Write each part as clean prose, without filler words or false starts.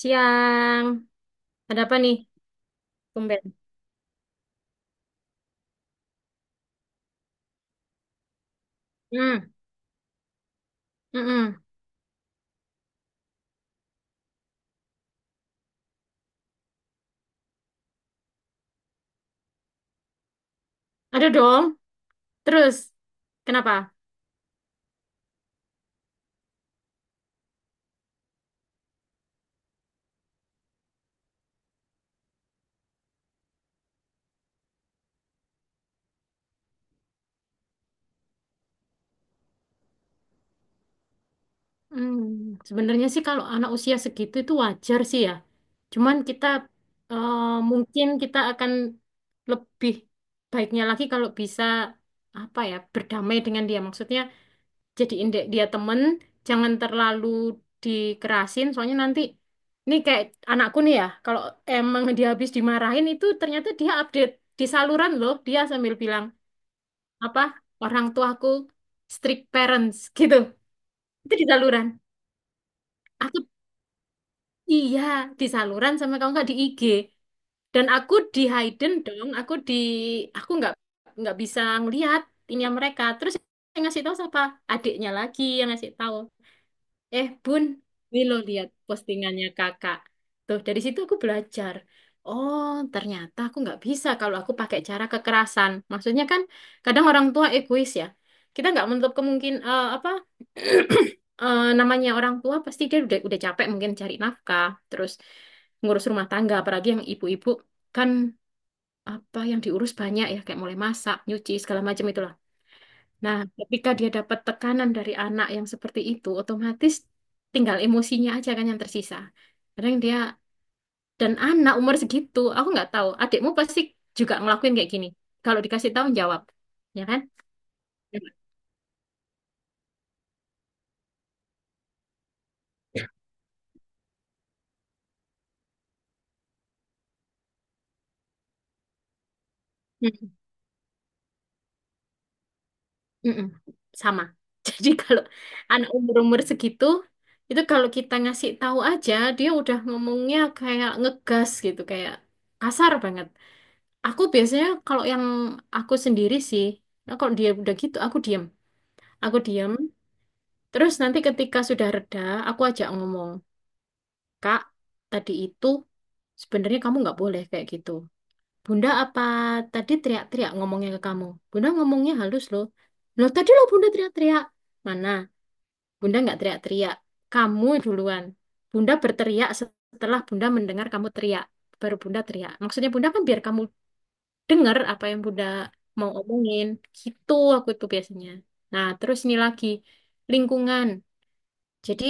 Siang. Ada apa nih? Tumben. Hmm. Mm-mm. Ada dong. Terus, kenapa? Hmm. Sebenarnya sih kalau anak usia segitu itu wajar sih ya. Cuman kita eh, mungkin kita akan lebih baiknya lagi kalau bisa apa ya berdamai dengan dia. Maksudnya jadiin dek dia temen jangan terlalu dikerasin soalnya nanti ini kayak anakku nih ya kalau emang dia habis dimarahin itu ternyata dia update di saluran loh dia sambil bilang apa orang tuaku strict parents gitu itu di saluran aku iya di saluran sama kamu nggak di IG dan aku di hidden dong aku di aku nggak bisa ngelihat ini mereka terus yang ngasih tahu siapa adiknya lagi yang ngasih tahu. Eh, Bun, ini lo lihat postingannya kakak. Tuh, dari situ aku belajar. Oh, ternyata aku nggak bisa kalau aku pakai cara kekerasan. Maksudnya kan kadang orang tua egois ya. Kita nggak menutup kemungkin apa namanya orang tua pasti dia udah capek mungkin cari nafkah, terus ngurus rumah tangga, apalagi yang ibu-ibu kan apa yang diurus banyak ya kayak mulai masak, nyuci segala macam itulah. Nah, ketika dia dapat tekanan dari anak yang seperti itu, otomatis tinggal emosinya aja kan yang tersisa. Kadang dia dan anak umur segitu, aku nggak tahu. Adikmu pasti juga ngelakuin kayak gini. Kalau dikasih tahu jawab, ya kan? Ya. Hmm, mm-mm. Sama. Jadi kalau anak umur-umur segitu, itu kalau kita ngasih tahu aja, dia udah ngomongnya kayak ngegas gitu, kayak kasar banget. Aku biasanya kalau yang aku sendiri sih, nah kalau dia udah gitu, aku diem. Aku diam. Terus nanti ketika sudah reda, aku ajak ngomong, Kak, tadi itu sebenarnya kamu nggak boleh kayak gitu. Bunda apa tadi teriak-teriak ngomongnya ke kamu? Bunda ngomongnya halus loh. Loh tadi loh Bunda teriak-teriak. Mana? Bunda nggak teriak-teriak. Kamu duluan. Bunda berteriak setelah Bunda mendengar kamu teriak. Baru Bunda teriak. Maksudnya Bunda kan biar kamu dengar apa yang Bunda mau omongin. Gitu aku itu biasanya. Nah terus ini lagi. Lingkungan. Jadi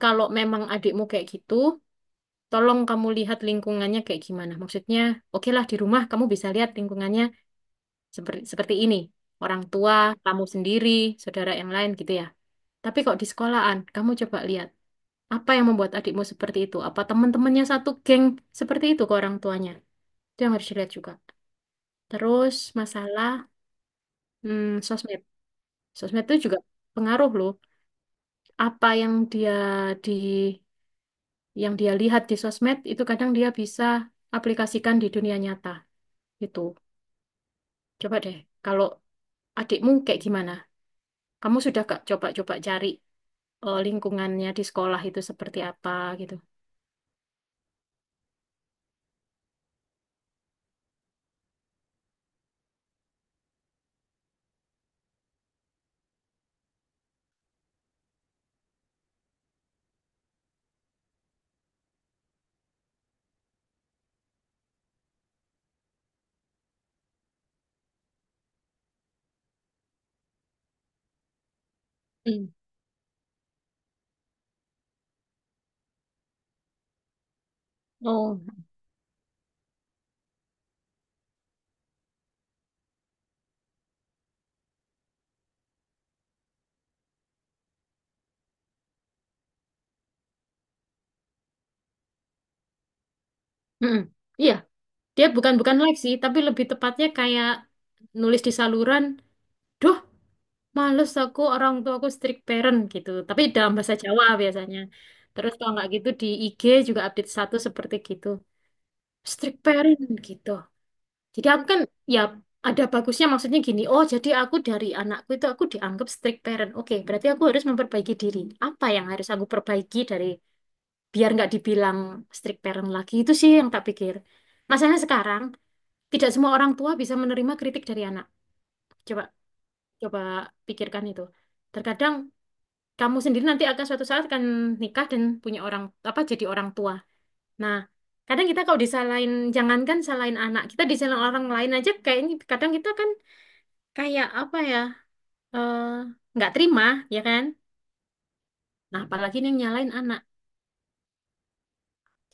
kalau memang adikmu kayak gitu, tolong kamu lihat lingkungannya kayak gimana. Maksudnya, oke lah di rumah kamu bisa lihat lingkungannya seperti seperti ini. Orang tua, kamu sendiri, saudara yang lain gitu ya. Tapi kok di sekolahan, kamu coba lihat apa yang membuat adikmu seperti itu? Apa teman-temannya satu geng seperti itu ke orang tuanya? Itu yang harus dilihat juga. Terus masalah sosmed. Sosmed itu juga pengaruh loh. Apa yang dia di yang dia lihat di sosmed itu kadang dia bisa aplikasikan di dunia nyata gitu. Coba deh, kalau adikmu kayak gimana? Kamu sudah gak coba-coba cari lingkungannya di sekolah itu seperti apa gitu? Hmm. Oh. Mm-mm. Iya, dia bukan bukan live sih, tapi lebih tepatnya kayak nulis di saluran. Duh, males aku orang tua aku strict parent gitu. Tapi dalam bahasa Jawa biasanya. Terus kalau nggak gitu di IG juga update status seperti gitu. Strict parent gitu. Jadi aku kan ya ada bagusnya maksudnya gini, oh jadi aku dari anakku itu aku dianggap strict parent. Oke, berarti aku harus memperbaiki diri. Apa yang harus aku perbaiki dari biar nggak dibilang strict parent lagi itu sih yang tak pikir. Masalahnya sekarang tidak semua orang tua bisa menerima kritik dari anak. Coba coba pikirkan itu. Terkadang kamu sendiri nanti akan suatu saat akan nikah dan punya orang apa jadi orang tua. Nah, kadang kita kalau disalahin jangankan salahin anak kita disalahin orang lain aja kayaknya kadang kita kan kayak apa ya eh, nggak terima ya kan nah apalagi ini yang nyalain anak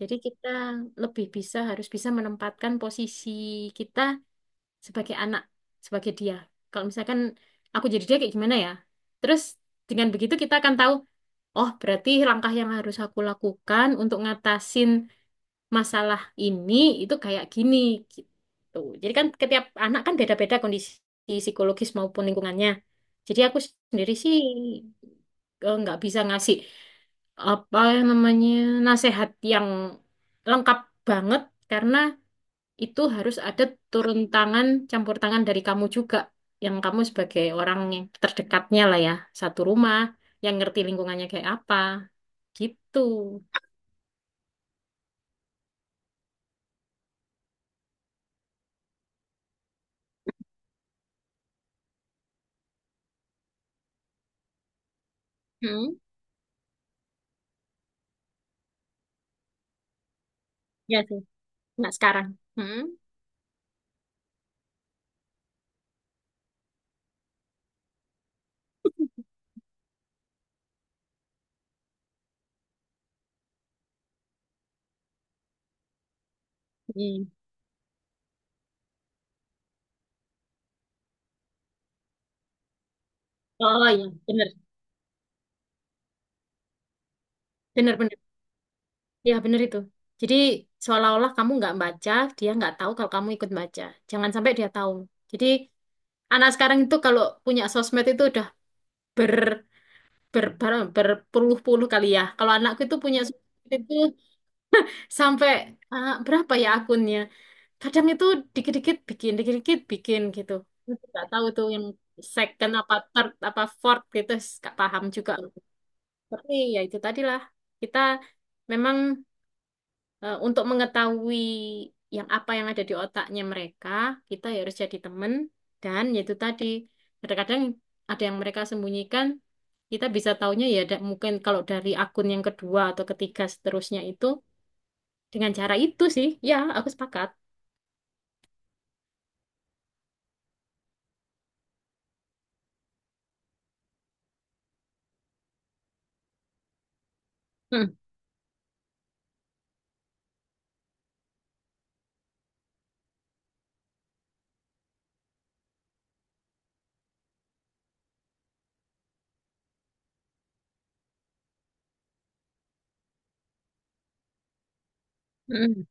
jadi kita lebih bisa harus bisa menempatkan posisi kita sebagai anak sebagai dia kalau misalkan aku jadi dia kayak gimana ya terus dengan begitu kita akan tahu oh berarti langkah yang harus aku lakukan untuk ngatasin masalah ini itu kayak gini gitu jadi kan setiap anak kan beda-beda kondisi psikologis maupun lingkungannya jadi aku sendiri sih nggak bisa ngasih apa yang namanya nasehat yang lengkap banget karena itu harus ada turun tangan, campur tangan dari kamu juga yang kamu sebagai orang yang terdekatnya lah ya, satu rumah yang ngerti lingkungannya kayak apa gitu. Hmm, ya sih. Nggak sekarang. Hmm. Hmm. Oh iya, bener. Bener, bener. Ya, bener itu. Jadi, seolah-olah kamu nggak baca, dia nggak tahu kalau kamu ikut baca. Jangan sampai dia tahu. Jadi, anak sekarang itu kalau punya sosmed itu udah ber ber ber- berpuluh-puluh kali ya. Kalau anakku itu punya sosmed itu sampai ah, berapa ya akunnya? Kadang itu dikit-dikit bikin gitu. Nggak tahu tuh yang second apa third apa fourth gitu, nggak paham juga. Tapi ya itu tadilah kita memang untuk mengetahui yang apa yang ada di otaknya mereka, kita harus jadi teman dan yaitu tadi kadang-kadang ada yang mereka sembunyikan, kita bisa taunya ya mungkin kalau dari akun yang kedua atau ketiga seterusnya itu dengan cara itu sih, ya aku sepakat. Hmm, hmm.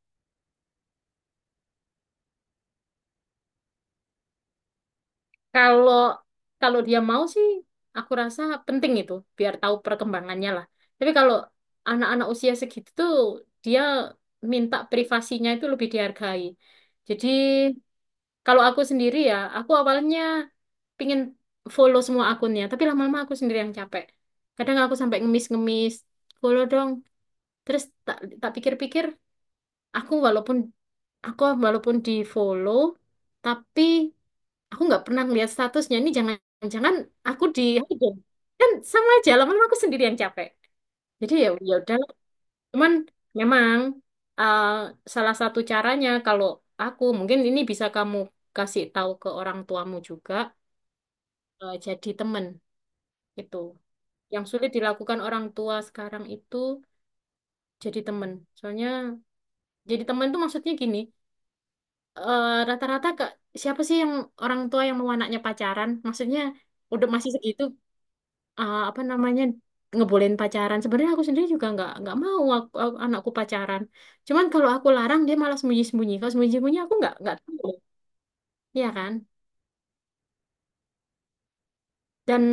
Kalau kalau dia mau sih, aku rasa penting itu biar tahu perkembangannya lah. Tapi kalau anak-anak usia segitu tuh dia minta privasinya itu lebih dihargai. Jadi kalau aku sendiri ya, aku awalnya pingin follow semua akunnya, tapi lama-lama aku sendiri yang capek. Kadang aku sampai ngemis-ngemis, follow dong. Terus tak tak pikir-pikir, aku walaupun aku walaupun di follow, tapi aku nggak pernah ngeliat statusnya. Ini jangan-jangan aku di hidden. Kan sama aja, lama-lama aku sendiri yang capek. Jadi ya ya udah, cuman memang uh, salah satu caranya kalau aku mungkin ini bisa kamu kasih tahu ke orang tuamu juga jadi teman itu. Yang sulit dilakukan orang tua sekarang itu jadi teman. Soalnya jadi teman itu maksudnya gini, rata-rata kak siapa sih yang orang tua yang mau anaknya pacaran? Maksudnya udah masih segitu apa namanya ngebolehin pacaran. Sebenarnya aku sendiri juga nggak mau anakku pacaran. Cuman kalau aku larang dia malah sembunyi-sembunyi. Kalau sembunyi-sembunyi aku nggak tahu, ya kan? Dan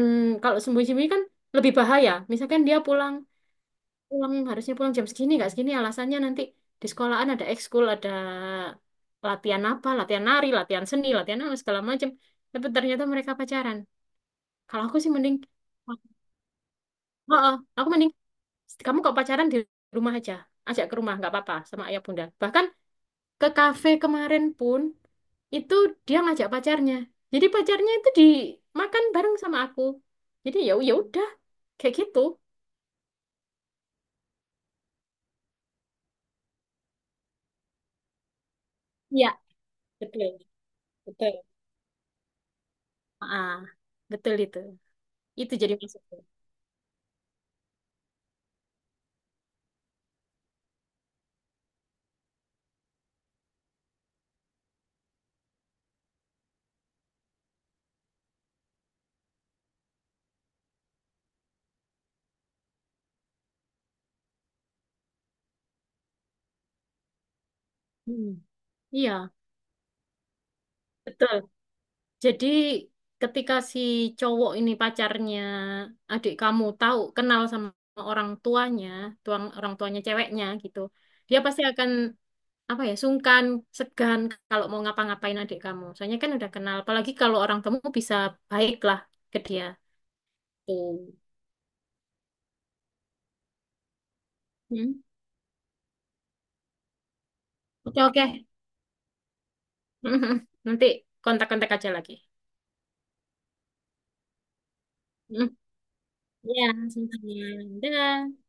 kalau sembunyi-sembunyi kan lebih bahaya. Misalkan dia pulang pulang harusnya pulang jam segini nggak segini alasannya nanti di sekolahan ada ekskul ada latihan apa latihan nari latihan seni latihan apa segala macam tapi ternyata mereka pacaran kalau aku sih mending oh, oh, aku mending kamu kok pacaran di rumah aja ajak ke rumah nggak apa-apa sama ayah bunda bahkan ke kafe kemarin pun itu dia ngajak pacarnya jadi pacarnya itu dimakan bareng sama aku jadi ya ya udah kayak gitu. Iya, betul, betul. Ah, betul itu. Itu jadi maksudnya. Hmm, Iya, betul. Jadi ketika si cowok ini pacarnya adik kamu tahu kenal sama orang tuanya, tuang orang tuanya ceweknya gitu, dia pasti akan apa ya sungkan, segan kalau mau ngapa-ngapain adik kamu. Soalnya kan udah kenal. Apalagi kalau orang kamu bisa baiklah ke dia. Tuh. Hmm. Oke oke. Nanti kontak-kontak aja lagi. Hmm. Ya, sama-sama. Dadah.